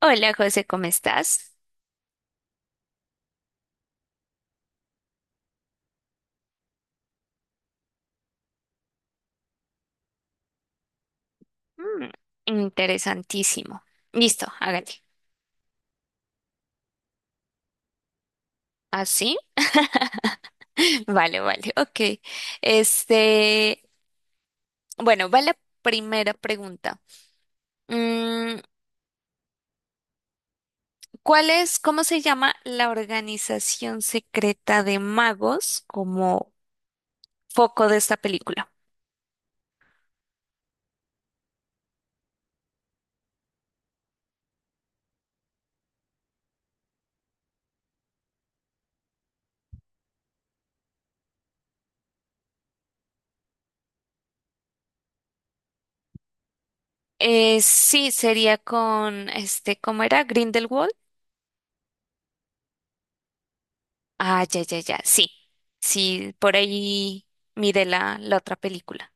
Hola José, ¿cómo estás? Mm, interesantísimo. Listo, hágale. ¿Así? Vale, vale, ok. Este, bueno, va la primera pregunta. Mm, ¿cuál es, cómo se llama la organización secreta de magos como foco de esta película? Sí, sería con, ¿cómo era? Grindelwald. Ah, ya, ya, ya, sí. Sí, por ahí mire la otra película.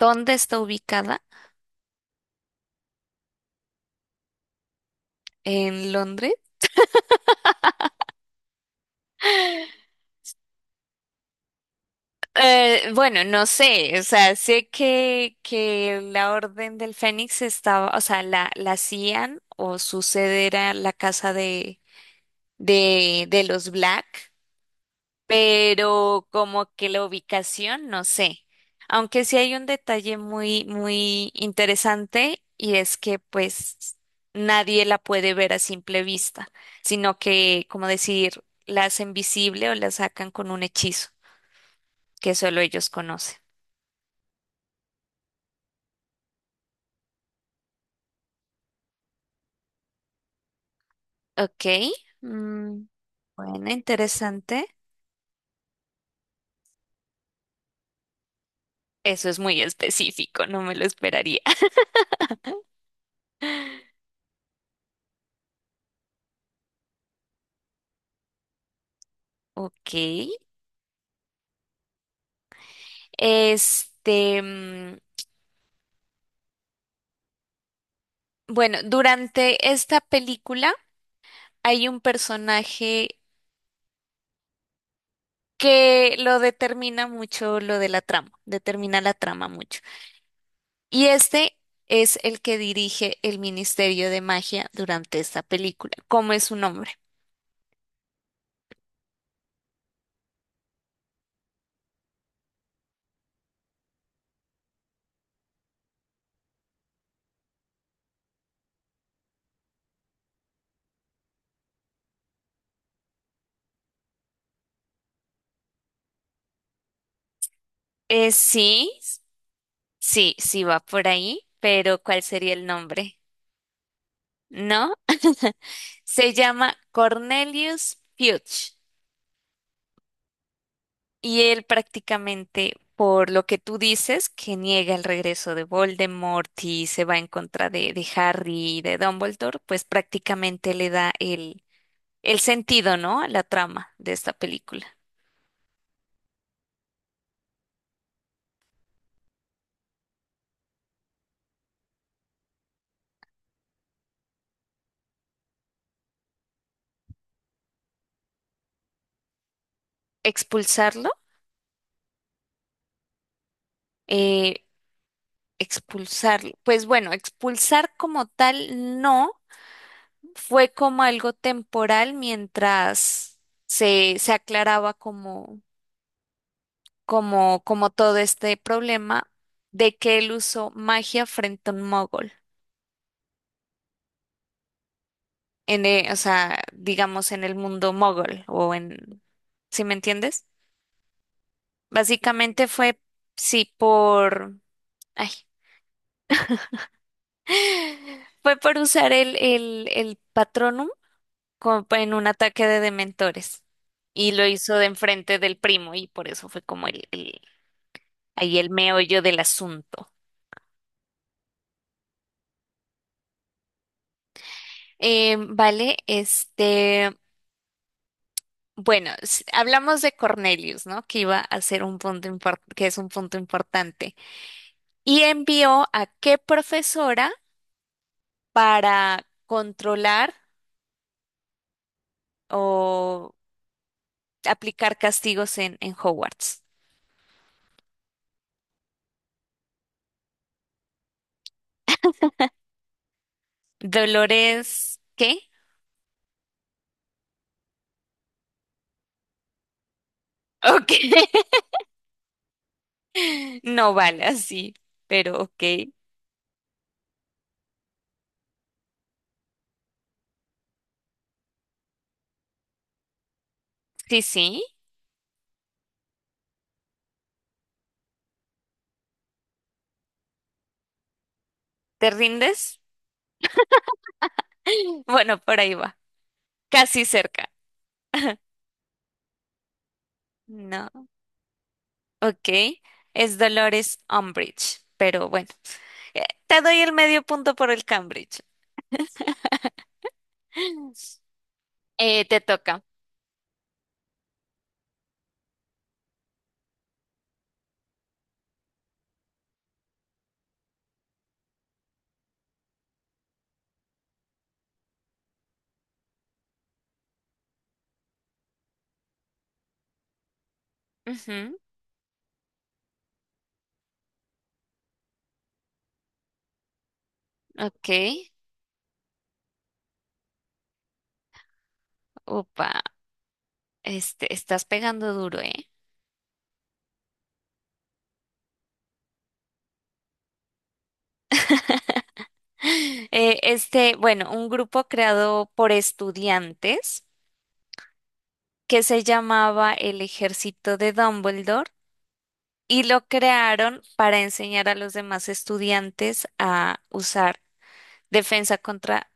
¿Dónde está ubicada? ¿En Londres? Bueno, no sé, o sea, sé que la Orden del Fénix estaba, o sea, la hacían o su sede era la casa de los Black, pero como que la ubicación, no sé. Aunque sí hay un detalle muy, muy interesante y es que pues nadie la puede ver a simple vista, sino que, como decir, la hacen visible o la sacan con un hechizo que solo ellos conocen. Ok, mm, bueno, interesante. Eso es muy específico, no me lo esperaría. Ok, mm, bueno, durante esta película hay un personaje que lo determina mucho lo de la trama, determina la trama mucho. Y este es el que dirige el Ministerio de Magia durante esta película. ¿Cómo es su nombre? Sí. Sí, sí va por ahí, pero ¿cuál sería el nombre? No, se llama Cornelius Fudge, y él prácticamente, por lo que tú dices, que niega el regreso de Voldemort y se va en contra de Harry y de Dumbledore, pues prácticamente le da el sentido, ¿no? A la trama de esta película. ¿Expulsarlo? Eh, Expulsarlo. Pues bueno, expulsar como tal no fue, como algo temporal mientras se aclaraba como todo este problema de que él usó magia frente a un mogol, en, o sea, digamos en el mundo mogol o en, ¿sí me entiendes? Básicamente fue, sí, por, ay, fue por usar el Patronum como en un ataque de dementores. Y lo hizo de enfrente del primo y por eso fue como el... Ahí el meollo del asunto. Vale, bueno, hablamos de Cornelius, ¿no? Que iba a ser un que es un punto importante. Y envió a qué profesora para controlar o aplicar castigos en Hogwarts. Dolores, ¿qué? Ok. No vale así, pero ok. Sí, sí. ¿Te rindes? Bueno, por ahí va. Casi cerca. No. Ok, es Dolores Umbridge, pero bueno, te doy el medio punto por el Cambridge. Te toca. Ujú, ok, upa, estás pegando duro, ¿eh? Este, bueno, un grupo creado por estudiantes que se llamaba el Ejército de Dumbledore y lo crearon para enseñar a los demás estudiantes a usar defensa contra,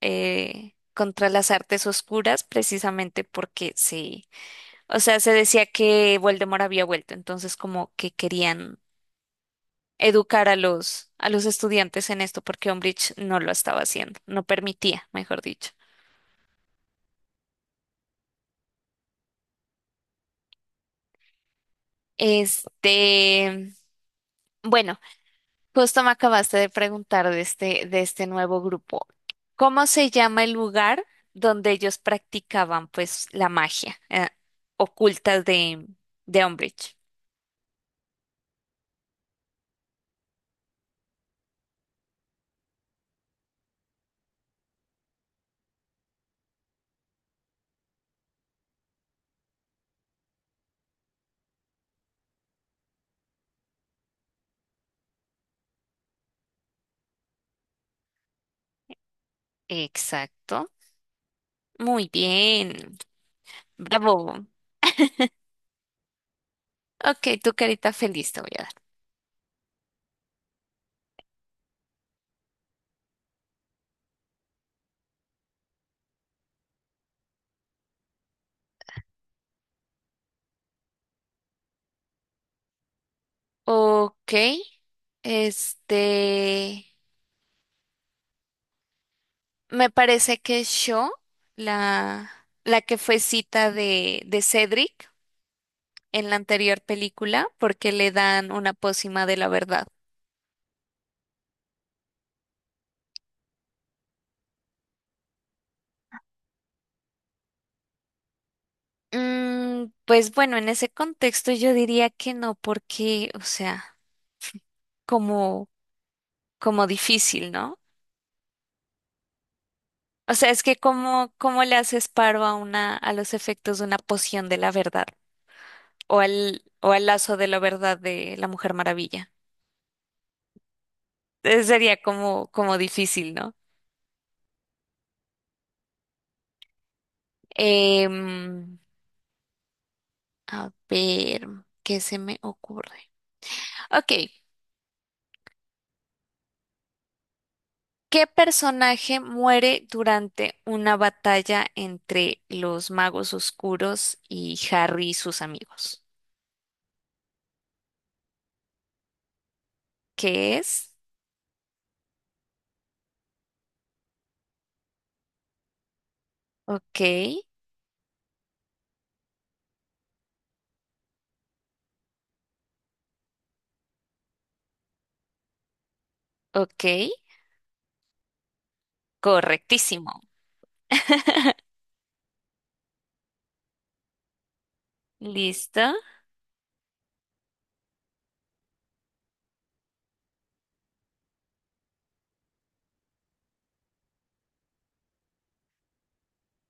contra las artes oscuras, precisamente porque sí, o sea, se decía que Voldemort había vuelto, entonces como que querían educar a a los estudiantes en esto, porque Umbridge no lo estaba haciendo, no permitía, mejor dicho. Este, bueno. Justo me acabaste de preguntar de de este nuevo grupo. ¿Cómo se llama el lugar donde ellos practicaban pues la magia ocultas de Umbridge? Exacto. Muy bien. Bravo. Ok, tu carita feliz te voy a dar. Ok, este, me parece que yo, la, la que fue cita de Cedric en la anterior película, porque le dan una pócima de la verdad. Mm, pues bueno, en ese contexto yo diría que no, porque, o sea, como, como difícil, ¿no? O sea, es que como, cómo le haces paro a una, a los efectos de una poción de la verdad, o al lazo de la verdad de la Mujer Maravilla. Entonces sería como, como difícil, ¿no? Em, a ver, ¿qué se me ocurre? Ok. ¿Qué personaje muere durante una batalla entre los magos oscuros y Harry y sus amigos? ¿Qué es? Ok, ok, correctísimo. Listo.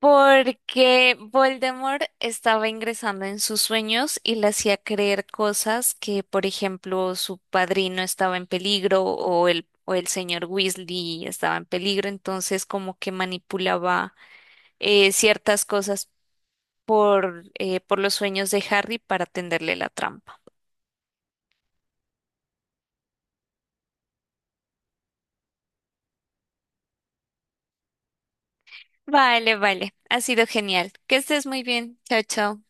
Porque Voldemort estaba ingresando en sus sueños y le hacía creer cosas que, por ejemplo, su padrino estaba en peligro o o el señor Weasley estaba en peligro, entonces como que manipulaba ciertas cosas por los sueños de Harry para tenderle la trampa. Vale, vale, ha sido genial. Que estés muy bien. Chao, chao.